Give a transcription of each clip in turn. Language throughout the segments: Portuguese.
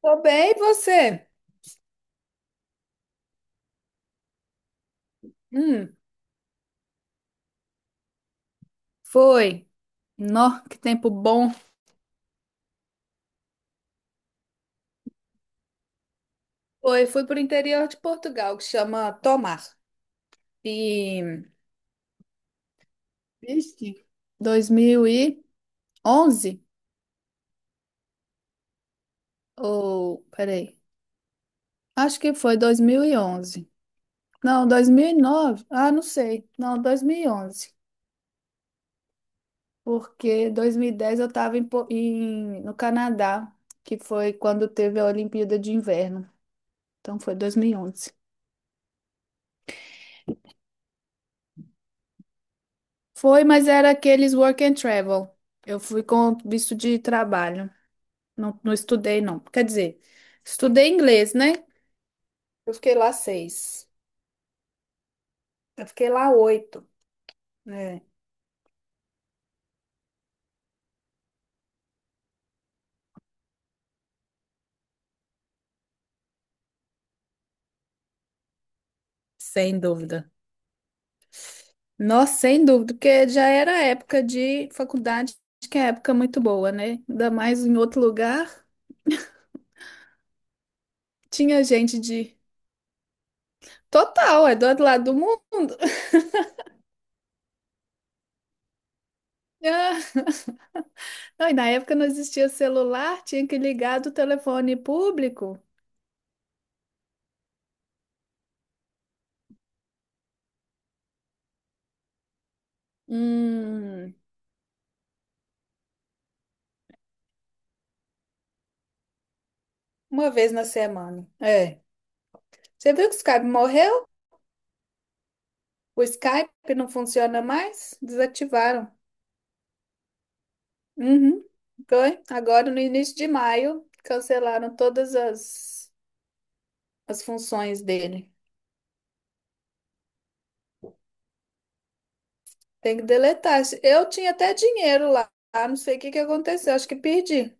Tô bem, e você? Hum, Foi. Nó, que tempo bom. Foi, fui pro interior de Portugal, que chama Tomar. E Triste. 2011? Ou, peraí. Acho que foi 2011. Não, 2009. Ah, não sei. Não, 2011. Porque 2010 eu estava em, no Canadá, que foi quando teve a Olimpíada de Inverno. Então foi 2011. Foi, mas era aqueles work and travel. Eu fui com visto de trabalho. Não, não estudei, não. Quer dizer, estudei inglês, né? Eu fiquei lá 6. Eu fiquei lá 8, né? Sem dúvida. Nossa, sem dúvida, porque já era época de faculdade, que é época muito boa, né? Ainda mais em outro lugar. Tinha gente de. Total, é do outro lado do mundo. Ah, Não, e na época não existia celular, tinha que ligar do telefone público. Hum. Uma vez na semana. É. Você viu que o Skype morreu? O Skype não funciona mais? Desativaram. Uhum. Foi. Agora, no início de maio, cancelaram todas as, as funções dele. Tem que deletar. Eu tinha até dinheiro lá. Ah, não sei o que que aconteceu. Acho que perdi.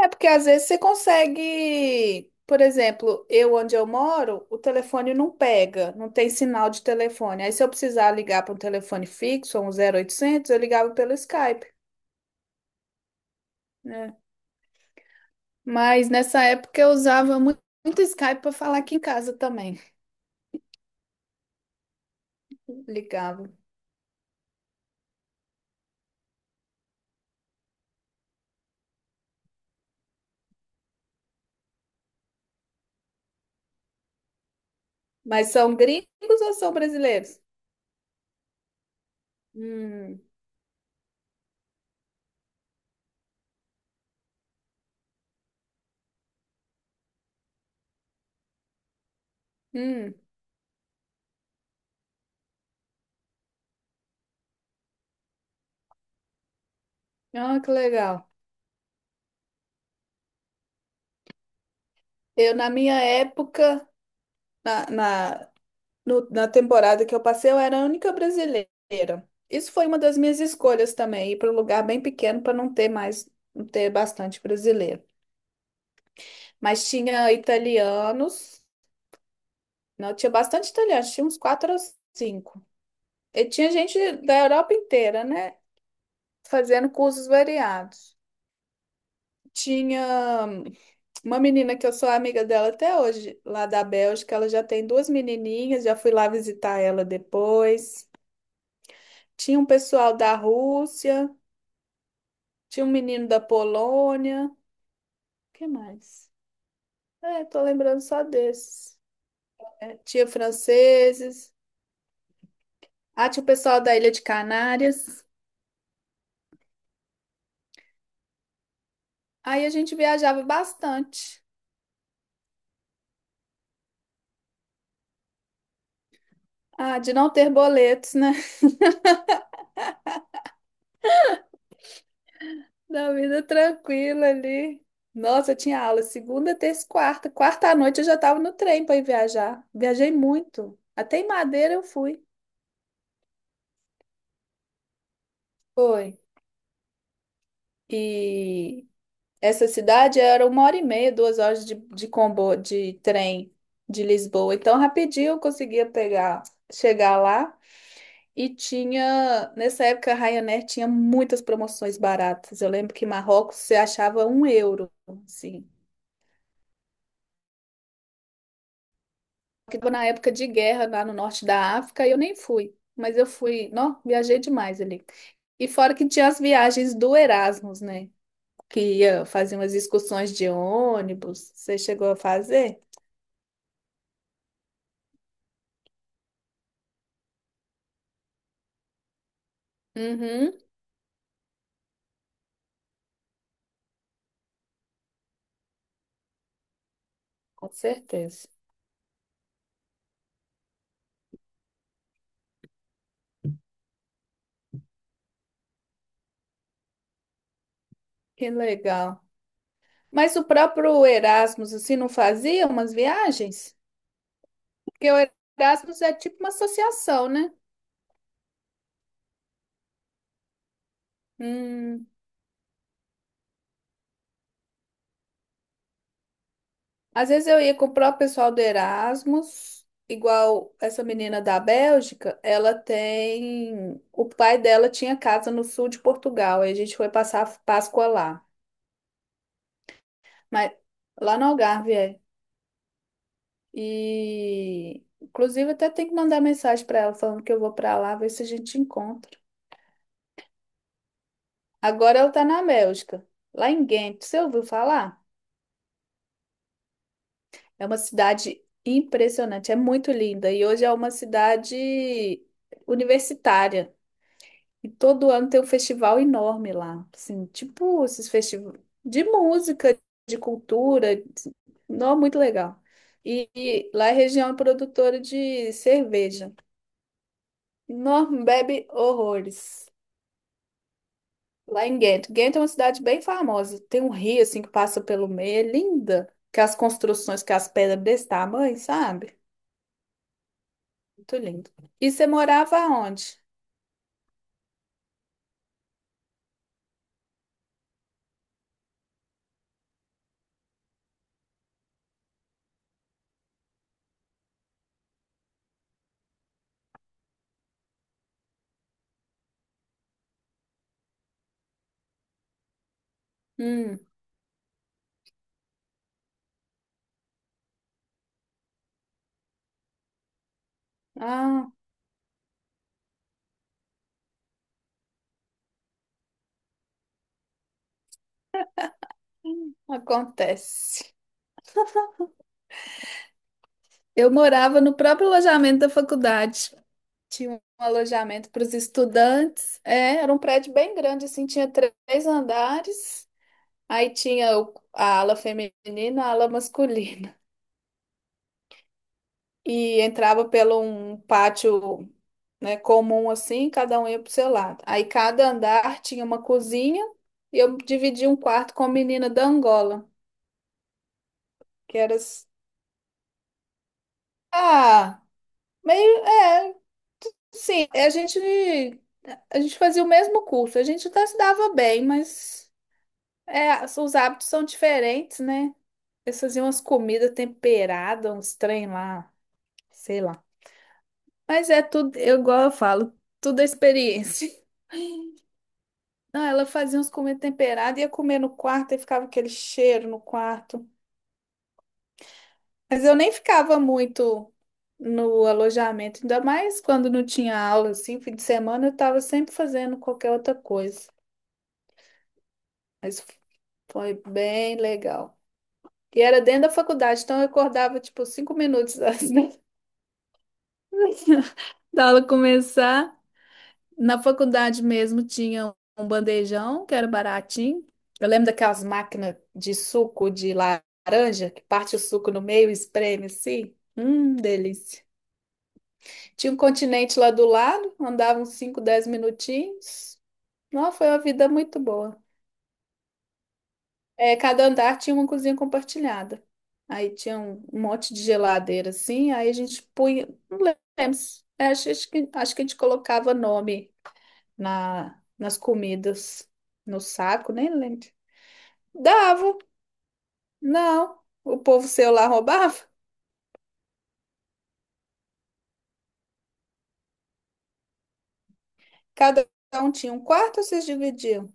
É porque às vezes você consegue, por exemplo, eu onde eu moro, o telefone não pega, não tem sinal de telefone. Aí se eu precisar ligar para um telefone fixo, um 0800, eu ligava pelo Skype, né? Mas nessa época eu usava muito, Skype para falar aqui em casa também. Ligava. Mas são gringos ou são brasileiros? Hum, hum. Ah, que legal. Eu na minha época, na, na no- na temporada que eu passei, eu era a única brasileira. Isso foi uma das minhas escolhas também, ir para um lugar bem pequeno para não ter mais, não ter bastante brasileiro. Mas tinha italianos, não, tinha bastante italianos, tinha uns 4 ou 5. E tinha gente da Europa inteira, né? Fazendo cursos variados. Tinha uma menina que eu sou amiga dela até hoje, lá da Bélgica, ela já tem 2 menininhas, já fui lá visitar ela depois. Tinha um pessoal da Rússia. Tinha um menino da Polônia. Que mais? É, tô lembrando só desses. É, tinha franceses. Ah, tinha o pessoal da Ilha de Canárias. Aí a gente viajava bastante. Ah, de não ter boletos, né? Da vida tranquila ali. Nossa, eu tinha aula segunda, terça e quarta. Quarta à noite eu já tava no trem para ir viajar. Viajei muito. Até em Madeira eu fui. Foi. E essa cidade era 1h30, 2 horas de comboio, de trem de Lisboa. Então, rapidinho eu conseguia pegar, chegar lá. E tinha, nessa época, a Ryanair tinha muitas promoções baratas. Eu lembro que em Marrocos você achava 1 euro, assim. Porque tava na época de guerra lá no norte da África e eu nem fui. Mas eu fui, não, viajei demais ali. E fora que tinha as viagens do Erasmus, né? Que ia fazer umas excursões de ônibus. Você chegou a fazer? Uhum. Com certeza. Que legal. Mas o próprio Erasmus, assim, não fazia umas viagens? Porque o Erasmus é tipo uma associação, né? Hum. Às vezes eu ia com o próprio pessoal do Erasmus, igual essa menina da Bélgica, ela tem. O pai dela tinha casa no sul de Portugal, e a gente foi passar a Páscoa lá. Mas lá no Algarve, é. E. Inclusive, até tem que mandar mensagem para ela falando que eu vou para lá, ver se a gente encontra. Agora ela está na Bélgica, lá em Ghent. Você ouviu falar? É uma cidade impressionante, é muito linda e hoje é uma cidade universitária. E todo ano tem um festival enorme lá, assim, tipo esses festivais de música, de cultura, não muito legal. E lá é região produtora de cerveja. Não bebe horrores. Lá em Ghent. Ghent é uma cidade bem famosa. Tem um rio assim que passa pelo meio, é linda. Que as construções, que as pedras desse tamanho, sabe? Muito lindo. E você morava onde? Hum, ah, Acontece. Eu morava no próprio alojamento da faculdade. Tinha um alojamento para os estudantes. É, era um prédio bem grande, assim, tinha 3 andares. Aí tinha a ala feminina, a ala masculina. E entrava pelo um pátio né, comum assim, cada um ia pro seu lado. Aí cada andar tinha uma cozinha e eu dividi um quarto com a menina da Angola, que era s- ah, meio é, assim, é, a gente fazia o mesmo curso, a gente até se dava bem, mas é, os hábitos são diferentes, né? Eles faziam umas comidas temperadas, uns trem lá, sei lá. Mas é tudo, eu, igual eu falo, tudo é experiência. Não, ela fazia uns comidas temperadas, ia comer no quarto e ficava aquele cheiro no quarto. Mas eu nem ficava muito no alojamento, ainda mais quando não tinha aula, assim, fim de semana eu estava sempre fazendo qualquer outra coisa. Mas foi bem legal. E era dentro da faculdade, então eu acordava, tipo, 5 minutos antes da da aula começar. Na faculdade mesmo tinha um bandejão, que era baratinho. Eu lembro daquelas máquinas de suco de laranja, que parte o suco no meio e espreme assim. Delícia. Tinha um continente lá do lado, andava uns 5, 10 minutinhos. Não, foi uma vida muito boa. É, cada andar tinha uma cozinha compartilhada. Aí tinha um monte de geladeira assim, aí a gente punha, não lembro, acho que a gente colocava nome nas comidas, no saco, nem lembro. Dava, não. O povo seu lá roubava. Cada um tinha um quarto, ou vocês dividiam?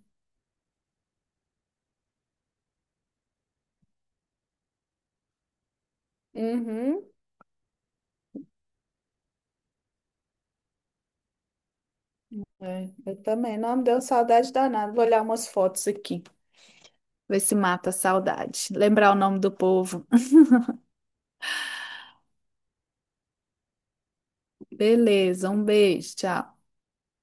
Uhum. É, eu também. Não, me deu saudade danada. Vou olhar umas fotos aqui. Ver se mata a saudade. Lembrar o nome do povo. Beleza, um beijo, tchau.